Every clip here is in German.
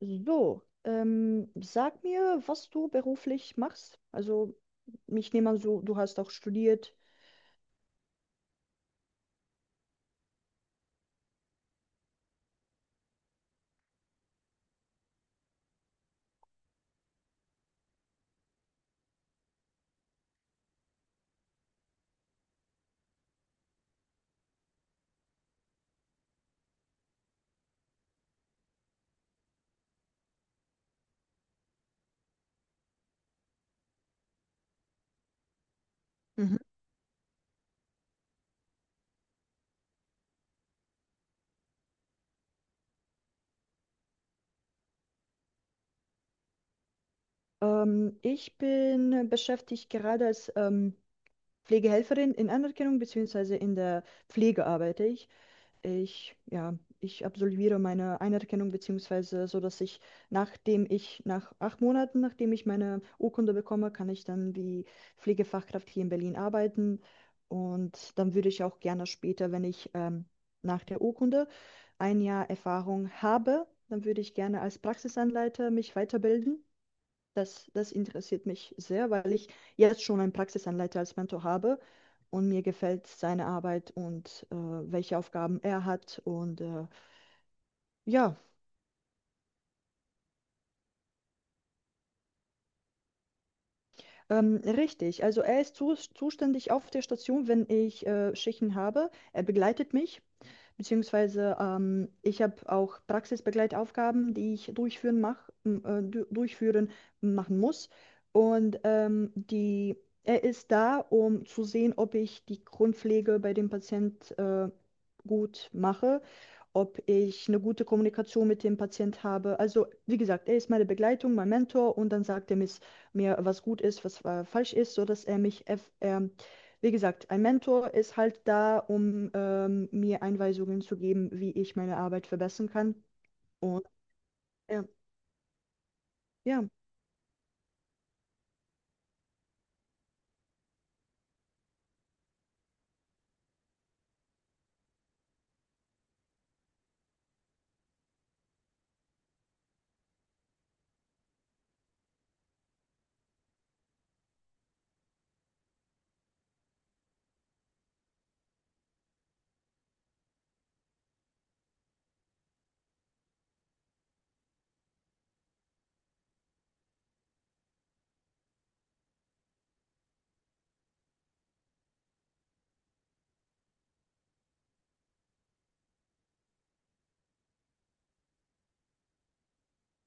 So, sag mir, was du beruflich machst. Also, ich nehme an, so, du hast auch studiert. Mhm. Ich bin beschäftigt gerade als Pflegehelferin in Anerkennung, beziehungsweise in der Pflege arbeite ich. Ja, ich absolviere meine Anerkennung, beziehungsweise so, dass ich, nachdem ich, nach 8 Monaten, nachdem ich meine Urkunde bekomme, kann ich dann wie Pflegefachkraft hier in Berlin arbeiten. Und dann würde ich auch gerne später, wenn ich nach der Urkunde 1 Jahr Erfahrung habe, dann würde ich gerne als Praxisanleiter mich weiterbilden. Das interessiert mich sehr, weil ich jetzt schon einen Praxisanleiter als Mentor habe und mir gefällt seine Arbeit und welche Aufgaben er hat. Und ja. Richtig, also er ist zuständig auf der Station, wenn ich Schichten habe. Er begleitet mich, beziehungsweise ich habe auch Praxisbegleitaufgaben, die ich durchführen, du durchführen machen muss. Und er ist da, um zu sehen, ob ich die Grundpflege bei dem Patient gut mache, ob ich eine gute Kommunikation mit dem Patient habe. Also, wie gesagt, er ist meine Begleitung, mein Mentor und dann sagt er mir, was gut ist, was falsch ist, so dass er mich, wie gesagt, ein Mentor ist halt da, um mir Einweisungen zu geben, wie ich meine Arbeit verbessern kann. Und ja, ja.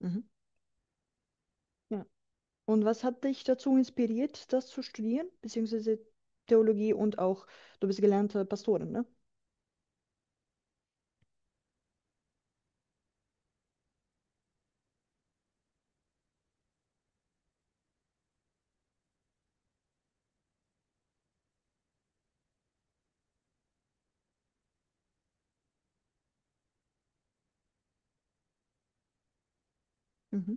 Mhm. Ja. Und was hat dich dazu inspiriert, das zu studieren, beziehungsweise Theologie und auch, du bist gelernte Pastorin, ne? Mhm.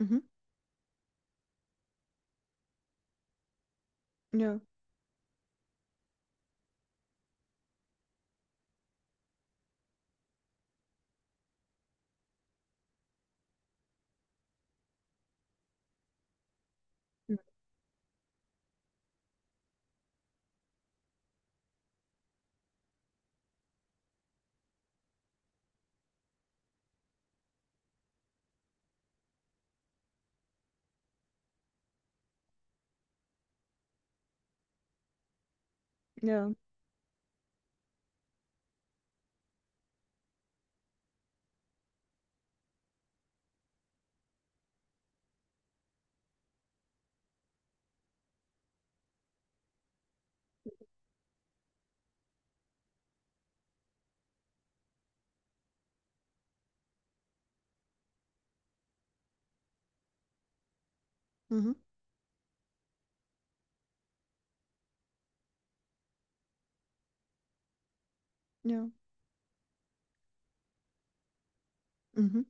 Mhm. Ja. Ja. Mhm. Ja. Mhm. Ja. Mhm.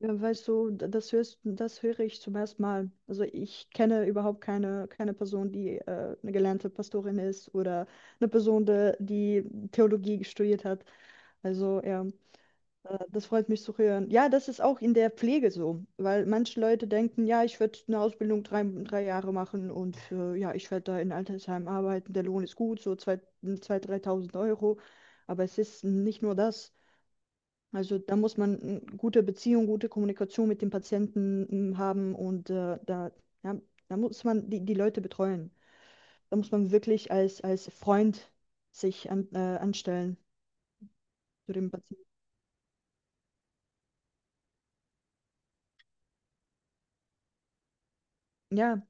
Ja, weißt du, das höre ich zum ersten Mal. Also ich kenne überhaupt keine Person, die eine gelernte Pastorin ist oder eine Person, die Theologie studiert hat. Also ja, das freut mich zu hören. Ja, das ist auch in der Pflege so, weil manche Leute denken, ja, ich werde eine Ausbildung drei Jahre machen und ja, ich werde da in Altersheim arbeiten, der Lohn ist gut, so zwei dreitausend Euro. Aber es ist nicht nur das. Also da muss man eine gute Beziehung, gute Kommunikation mit dem Patienten haben und ja, da muss man die Leute betreuen. Da muss man wirklich als Freund sich anstellen zu dem Patienten. Ja,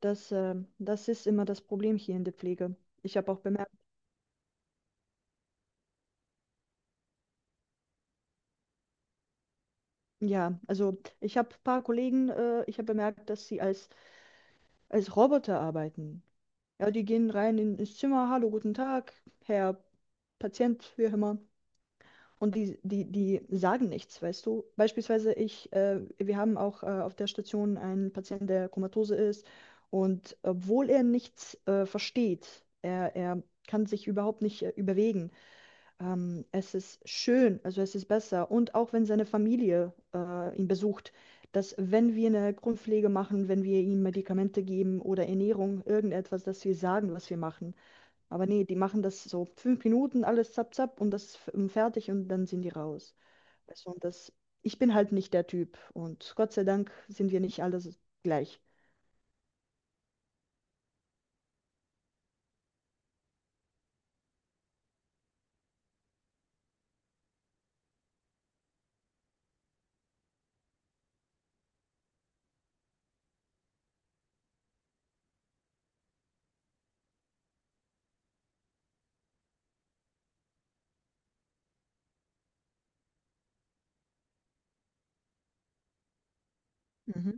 das ist immer das Problem hier in der Pflege. Ich habe auch bemerkt, ja, also ich habe ein paar Kollegen, ich habe bemerkt, dass sie als Roboter arbeiten. Ja, die gehen rein ins Zimmer, hallo, guten Tag, Herr Patient, wie auch immer. Und die sagen nichts, weißt du? Beispielsweise wir haben auch auf der Station einen Patienten, der komatose ist. Und obwohl er nichts versteht, er kann sich überhaupt nicht überwegen. Es ist schön, also es ist besser. Und auch wenn seine Familie ihn besucht, dass wenn wir eine Grundpflege machen, wenn wir ihm Medikamente geben oder Ernährung, irgendetwas, dass wir sagen, was wir machen. Aber nee, die machen das so 5 Minuten, alles zapp, zapp und das ist fertig und dann sind die raus. Weißt du, und das, ich bin halt nicht der Typ und Gott sei Dank sind wir nicht alle so gleich. Mhm.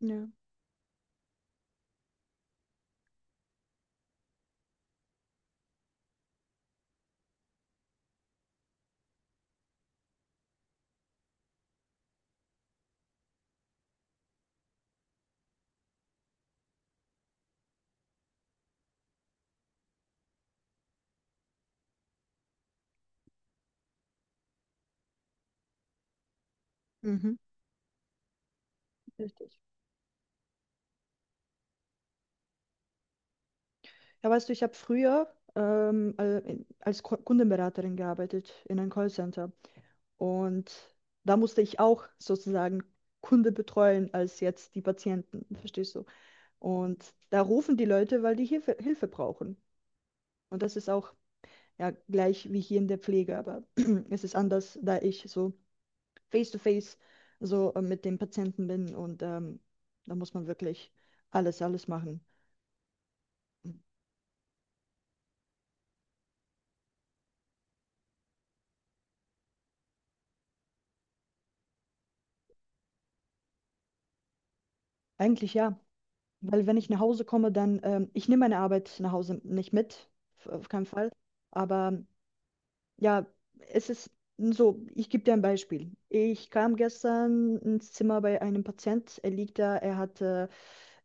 Ja. Mhm. Richtig. Ja, weißt du, ich habe früher als Kundenberaterin gearbeitet in einem Callcenter und da musste ich auch sozusagen Kunde betreuen als jetzt die Patienten, verstehst du? Und da rufen die Leute, weil die Hilfe brauchen. Und das ist auch ja, gleich wie hier in der Pflege, aber es ist anders, da ich so face-to-face so mit dem Patienten bin und da muss man wirklich alles, alles machen. Eigentlich ja, weil wenn ich nach Hause komme, dann, ich nehme meine Arbeit nach Hause nicht mit, auf keinen Fall, aber ja, es ist so, ich gebe dir ein Beispiel. Ich kam gestern ins Zimmer bei einem Patient, er liegt da, er hat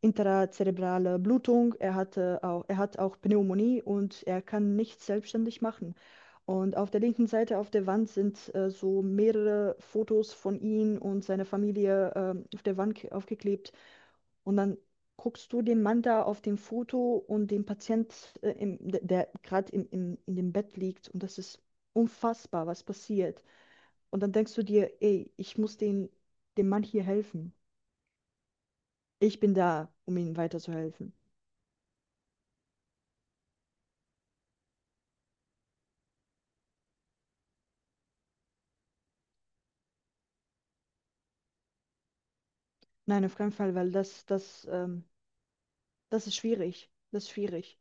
intrazerebrale Blutung, er hat auch Pneumonie und er kann nichts selbstständig machen. Und auf der linken Seite auf der Wand sind so mehrere Fotos von ihm und seiner Familie auf der Wand aufgeklebt. Und dann guckst du den Mann da auf dem Foto und den Patient, der gerade in dem Bett liegt. Und das ist unfassbar, was passiert. Und dann denkst du dir, ey, ich muss dem Mann hier helfen. Ich bin da, um ihm weiterzuhelfen. Nein, auf keinen Fall, weil das ist schwierig. Das ist schwierig.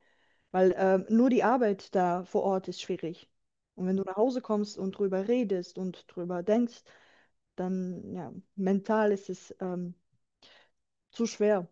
Weil nur die Arbeit da vor Ort ist schwierig. Und wenn du nach Hause kommst und drüber redest und drüber denkst, dann ja, mental ist es zu schwer.